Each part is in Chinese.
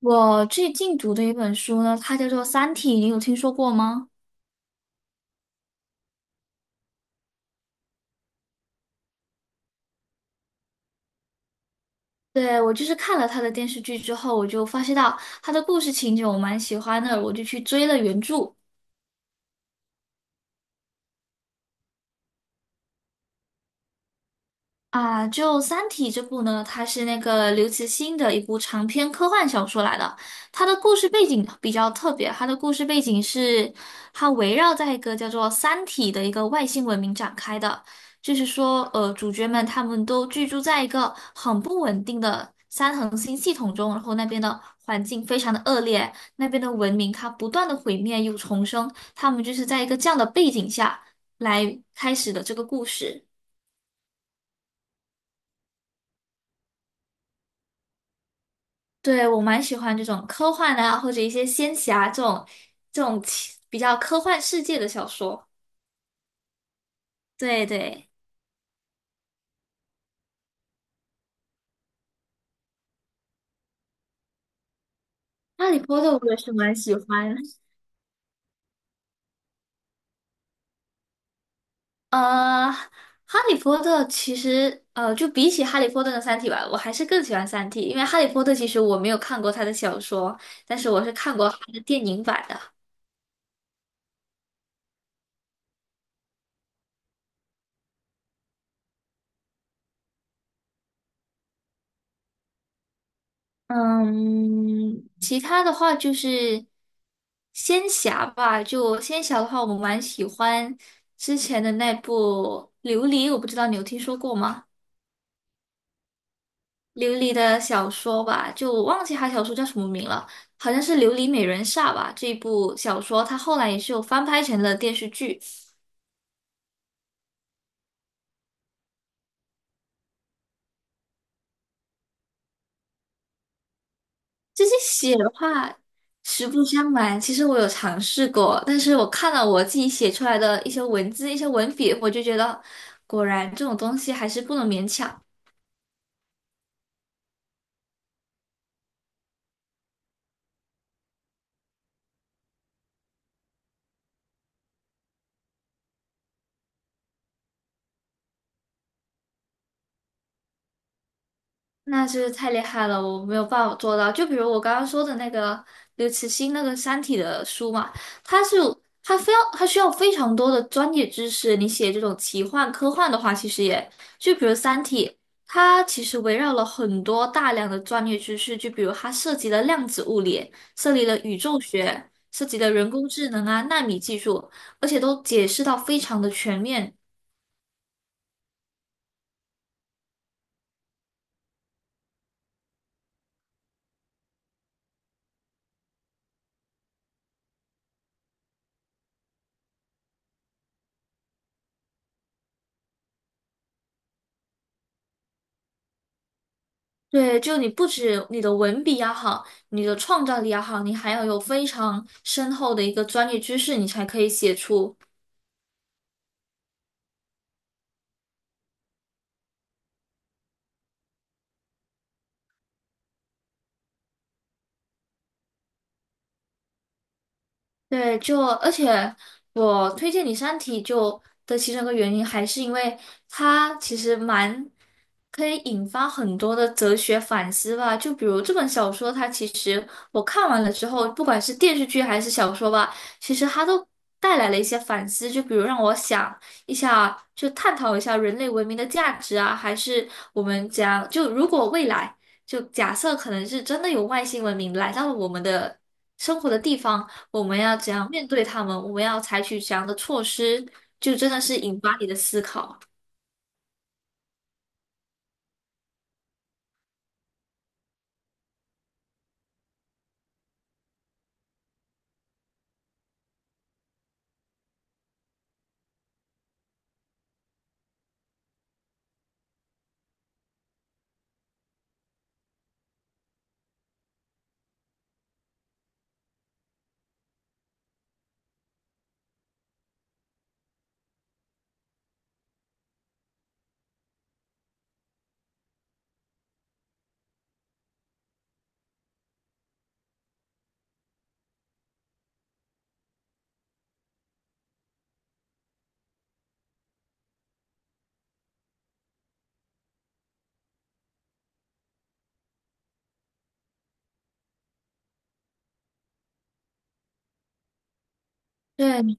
我最近读的一本书呢，它叫做《三体》，你有听说过吗？对，我就是看了它的电视剧之后，我就发现到它的故事情节我蛮喜欢的，我就去追了原著。啊，就《三体》这部呢，它是那个刘慈欣的一部长篇科幻小说来的。它的故事背景比较特别，它的故事背景是它围绕在一个叫做"三体"的一个外星文明展开的。就是说，主角们他们都居住在一个很不稳定的三恒星系统中，然后那边的环境非常的恶劣，那边的文明它不断的毁灭又重生，他们就是在一个这样的背景下来开始的这个故事。对，我蛮喜欢这种科幻啊，或者一些仙侠这种比较科幻世界的小说。对对，《哈利波特》我也是蛮喜欢。呃，《哈利波特》其实就比起《哈利波特》的《三体》吧，我还是更喜欢《三体》，因为《哈利波特》其实我没有看过他的小说，但是我是看过他的电影版的。嗯，其他的话就是仙侠吧。就仙侠的话，我蛮喜欢之前的那部《琉璃》，我不知道你有听说过吗？琉璃的小说吧，就我忘记它小说叫什么名了，好像是《琉璃美人煞》吧。这一部小说它后来也是有翻拍成了电视剧，这些写的话，实不相瞒，其实我有尝试过，但是我看了我自己写出来的一些文字、一些文笔，我就觉得，果然这种东西还是不能勉强。那真是太厉害了，我没有办法做到。就比如我刚刚说的那个刘慈欣那个《三体》的书嘛，他是他非要他需要非常多的专业知识。你写这种奇幻科幻的话，其实也就比如《三体》，它其实围绕了很多大量的专业知识，就比如它涉及了量子物理，涉及了宇宙学，涉及了人工智能啊、纳米技术，而且都解释到非常的全面。对，就你不止你的文笔要好，你的创造力要好，你还要有非常深厚的一个专业知识，你才可以写出。对，就而且我推荐你《三体》就的其中一个原因，还是因为它其实蛮可以引发很多的哲学反思吧。就比如这本小说，它其实我看完了之后，不管是电视剧还是小说吧，其实它都带来了一些反思。就比如让我想一下，就探讨一下人类文明的价值啊，还是我们讲就如果未来，就假设可能是真的有外星文明来到了我们的生活的地方。我们要怎样面对他们？我们要采取怎样的措施？就真的是引发你的思考。对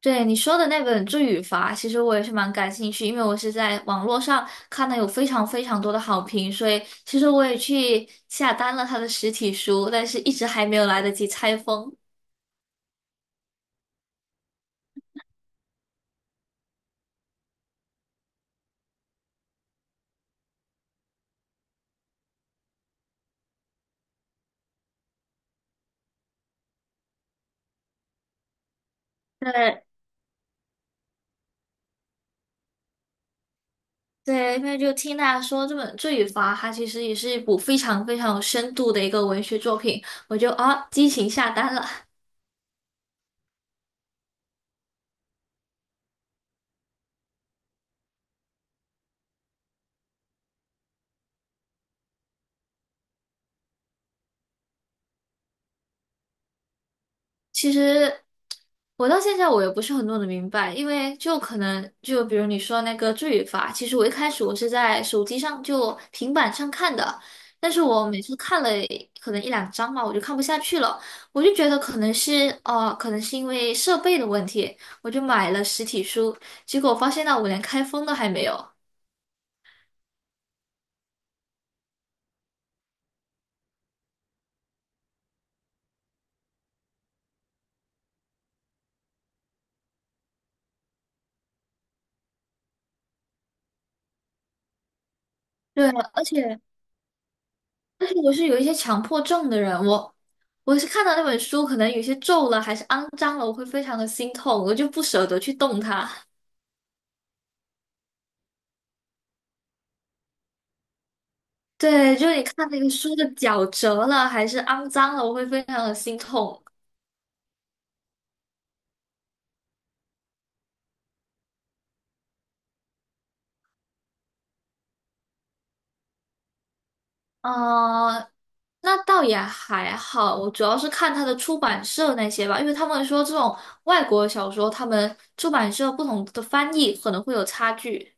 对，你说的那本《罪与罚》，其实我也是蛮感兴趣，因为我是在网络上看到有非常非常多的好评，所以其实我也去下单了他的实体书，但是一直还没有来得及拆封。对对，因为就听大家说这本《罪与罚》，它其实也是一部非常非常有深度的一个文学作品，我就啊激情下单了。其实我到现在我也不是很弄得明白，因为就可能就比如你说那个罪与罚，其实我一开始我是在手机上就平板上看的，但是我每次看了可能一两章嘛，我就看不下去了，我就觉得可能是因为设备的问题，我就买了实体书，结果发现到我连开封都还没有。对，而且。但是我是有一些强迫症的人，我是看到那本书，可能有些皱了还是肮脏了，我会非常的心痛，我就不舍得去动它。对，就是你看那个书的角折了还是肮脏了，我会非常的心痛。呃，那倒也还好，我主要是看它的出版社那些吧，因为他们说这种外国小说，他们出版社不同的翻译可能会有差距。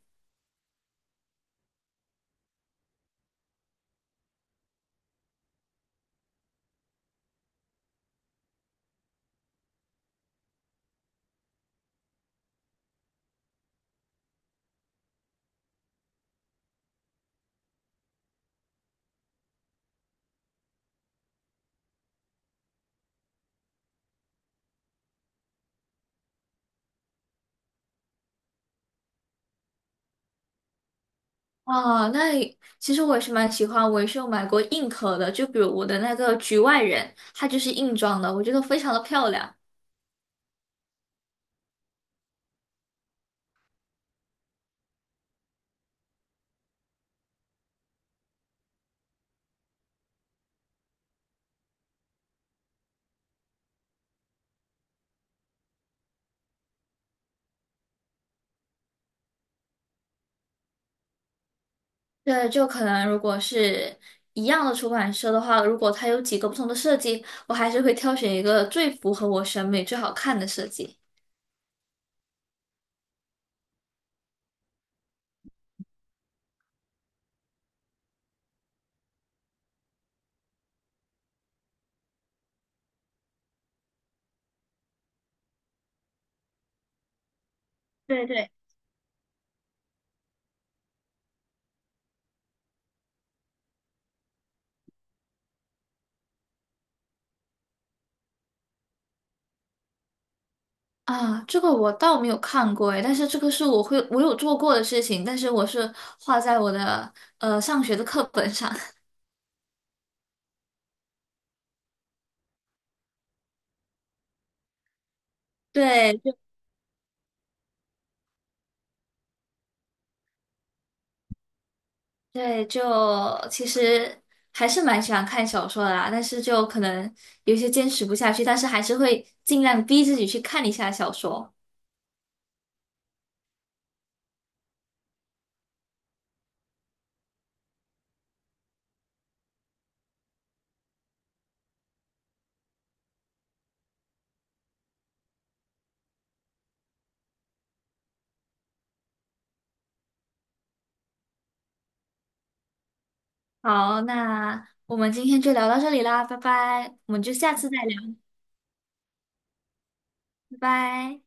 啊，那里其实我也是蛮喜欢，我也是有买过硬壳的，就比如我的那个局外人，它就是硬装的，我觉得非常的漂亮。对，就可能如果是一样的出版社的话，如果它有几个不同的设计，我还是会挑选一个最符合我审美、最好看的设计。对对。啊，这个我倒没有看过诶，但是这个是我有做过的事情，但是我是画在我的上学的课本上。对，对，就其实还是蛮喜欢看小说的啦，但是就可能有些坚持不下去，但是还是会尽量逼自己去看一下小说。好，那我们今天就聊到这里啦，拜拜，我们就下次再聊，拜拜。